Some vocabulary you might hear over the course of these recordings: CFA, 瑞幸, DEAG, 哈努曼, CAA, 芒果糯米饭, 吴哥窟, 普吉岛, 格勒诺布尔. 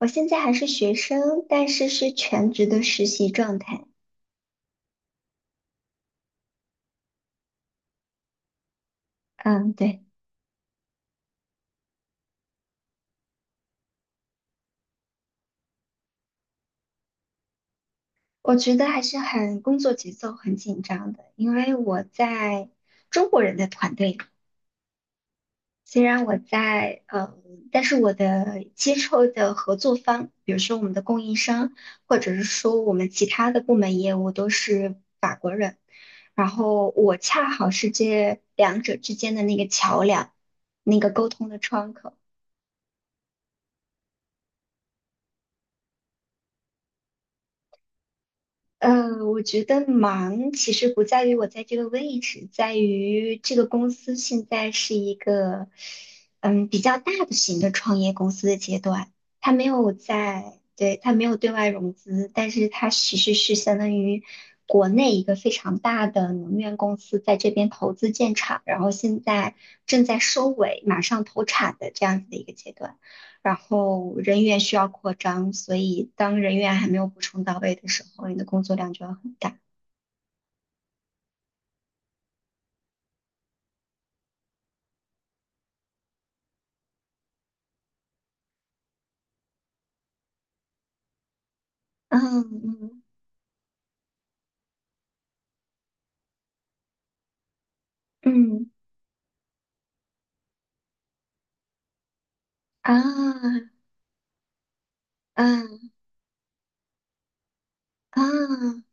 我现在还是学生，但是是全职的实习状态。嗯，对，我觉得还是很工作节奏很紧张的，因为我在中国人的团队，虽然我在但是我的接触的合作方，比如说我们的供应商，或者是说我们其他的部门业务都是法国人，然后我恰好是这两者之间的那个桥梁，那个沟通的窗口。我觉得忙其实不在于我在这个位置，在于这个公司现在是一个比较大的型的创业公司的阶段，它没有在，对，它没有对外融资，但是它其实是相当于国内一个非常大的能源公司在这边投资建厂，然后现在正在收尾，马上投产的这样子的一个阶段。然后人员需要扩张，所以当人员还没有补充到位的时候，你的工作量就要很大。嗯嗯嗯，啊，嗯，啊，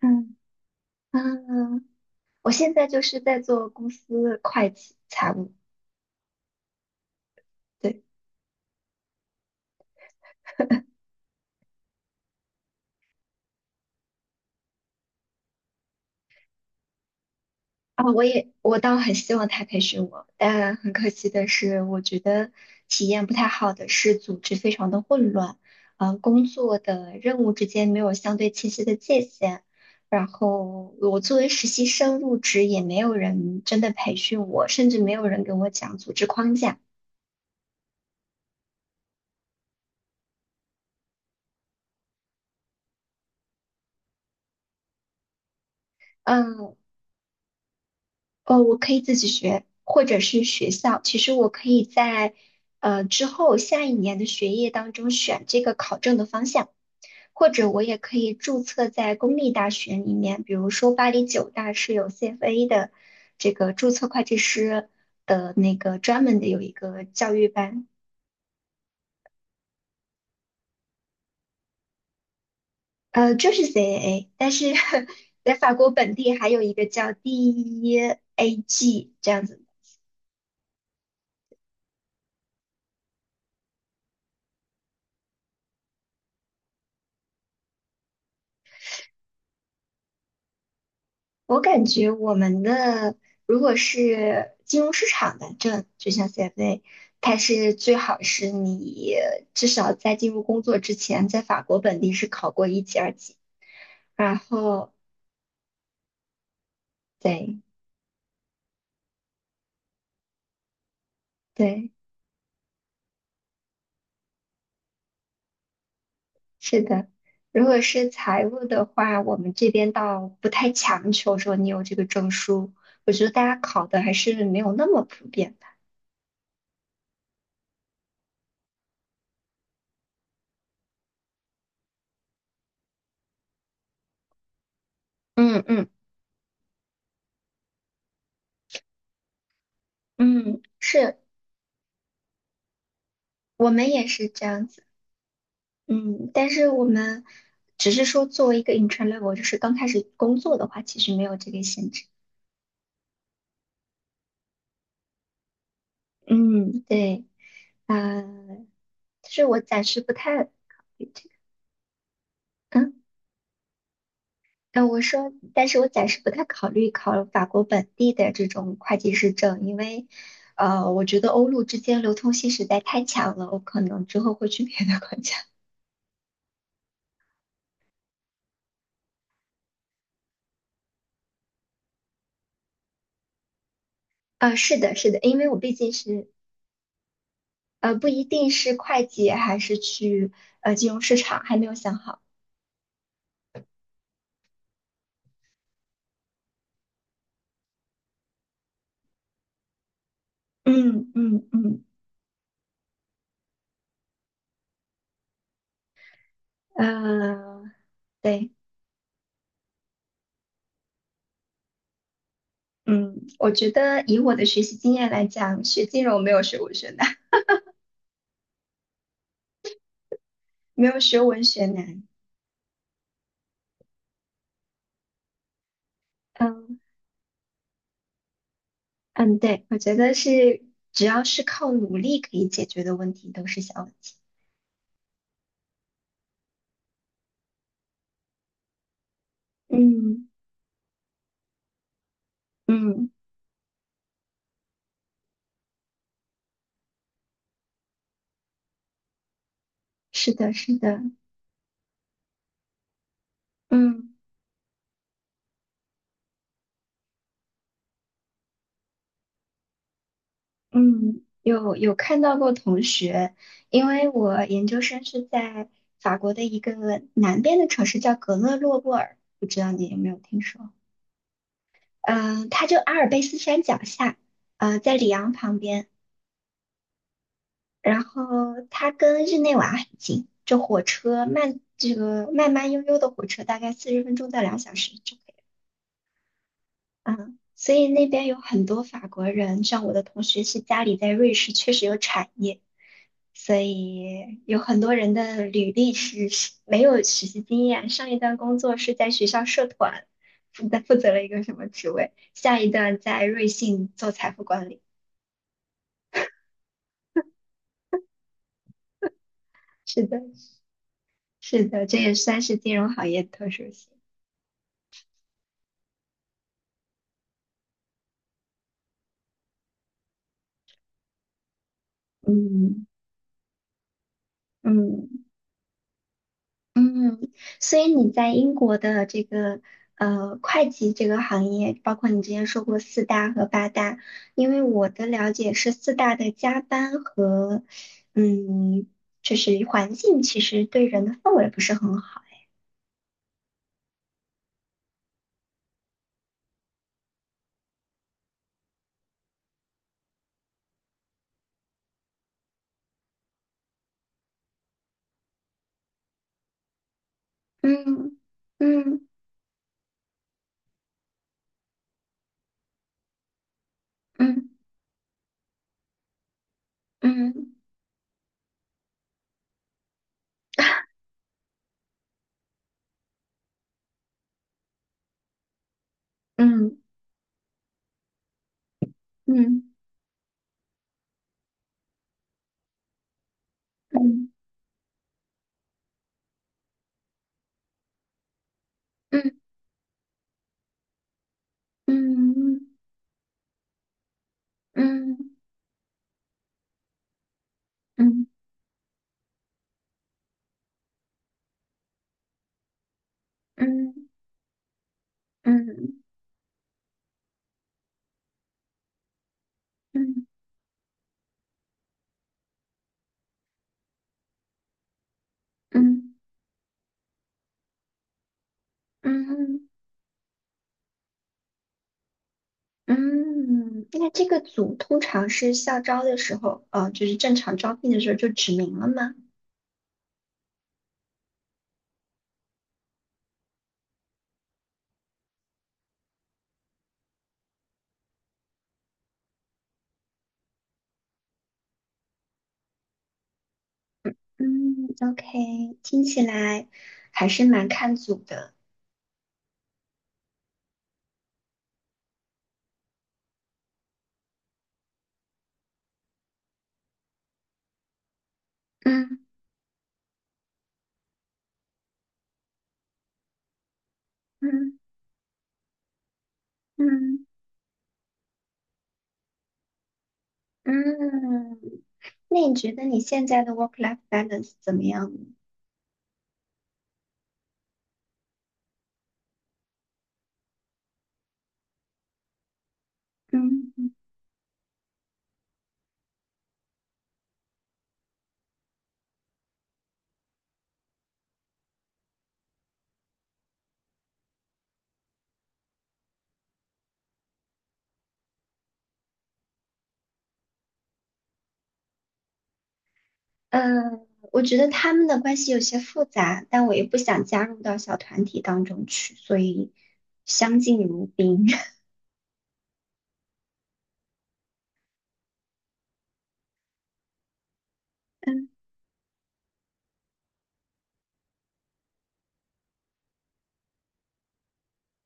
嗯嗯，我现在就是在做公司会计财务。对。啊，我倒很希望他培训我，但很可惜的是，我觉得体验不太好的是组织非常的混乱，工作的任务之间没有相对清晰的界限，然后我作为实习生入职也没有人真的培训我，甚至没有人跟我讲组织框架。嗯，哦，我可以自己学，或者是学校。其实我可以在之后下一年的学业当中选这个考证的方向，或者我也可以注册在公立大学里面，比如说巴黎九大是有 CFA 的这个注册会计师的那个专门的有一个教育班，就是 CAA，但是 在法国本地还有一个叫 DEAG 这样子。我感觉我们的如果是金融市场的证，就像 CFA，它是最好是你至少在进入工作之前，在法国本地是考过一级、二级。然后，对对，是的。如果是财务的话，我们这边倒不太强求说你有这个证书，我觉得大家考的还是没有那么普遍吧。嗯嗯嗯，是，我们也是这样子。嗯，但是我们只是说作为一个 intern level，就是刚开始工作的话，其实没有这个限制。嗯，对，呃，就是我暂时不太考虑这个。嗯，我说，但是我暂时不太考虑考法国本地的这种会计师证，因为，我觉得欧陆之间流通性实在太强了，我可能之后会去别的国家。啊，是的，是的，因为我毕竟是，不一定是会计，还是去金融市场，还没有想好。嗯嗯嗯，呃，对，嗯，我觉得以我的学习经验来讲，学金融没有学文学难，没有学文学难。嗯嗯，对，我觉得是只要是靠努力可以解决的问题都是小问题。嗯嗯，是的，是的，嗯嗯，有有看到过同学，因为我研究生是在法国的一个南边的城市叫格勒诺布尔，不知道你有没有听说？嗯、它就阿尔卑斯山脚下，在里昂旁边。然后它跟日内瓦很近，这火车慢，这个慢慢悠悠的火车大概40分钟到2小时就可以。嗯，所以那边有很多法国人，像我的同学是家里在瑞士，确实有产业，所以有很多人的履历是没有实习经验，上一段工作是在学校社团负责了一个什么职位，下一段在瑞幸做财富管理。是的。是的，这也算是金融行业的特殊性。嗯嗯嗯，所以你在英国的这个会计这个行业，包括你之前说过四大和八大，因为我的了解是四大的加班和嗯，就是环境其实对人的氛围不是很好。嗯嗯嗯嗯嗯嗯嗯嗯嗯嗯嗯嗯嗯嗯嗯。嗯嗯嗯，那这个组通常是校招的时候，就是正常招聘的时候就指明了吗？嗯，OK，听起来还是蛮看组的。嗯嗯嗯嗯，那你觉得你现在的 work-life balance 怎么样呢？嗯，呃，我觉得他们的关系有些复杂，但我也不想加入到小团体当中去，所以相敬如宾。嗯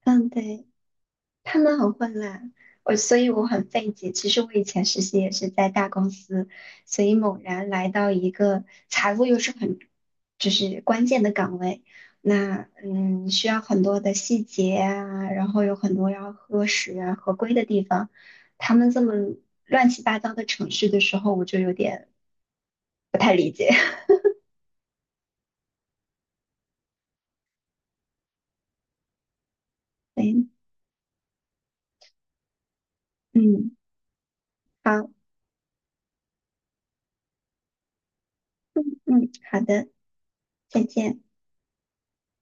嗯，对。他们很混乱，我所以我很费解。其实我以前实习也是在大公司，所以猛然来到一个财务又是很就是关键的岗位，那需要很多的细节啊，然后有很多要核实啊合规的地方。他们这么乱七八糟的程序的时候，我就有点哎，嗯，好，嗯，好的，再见。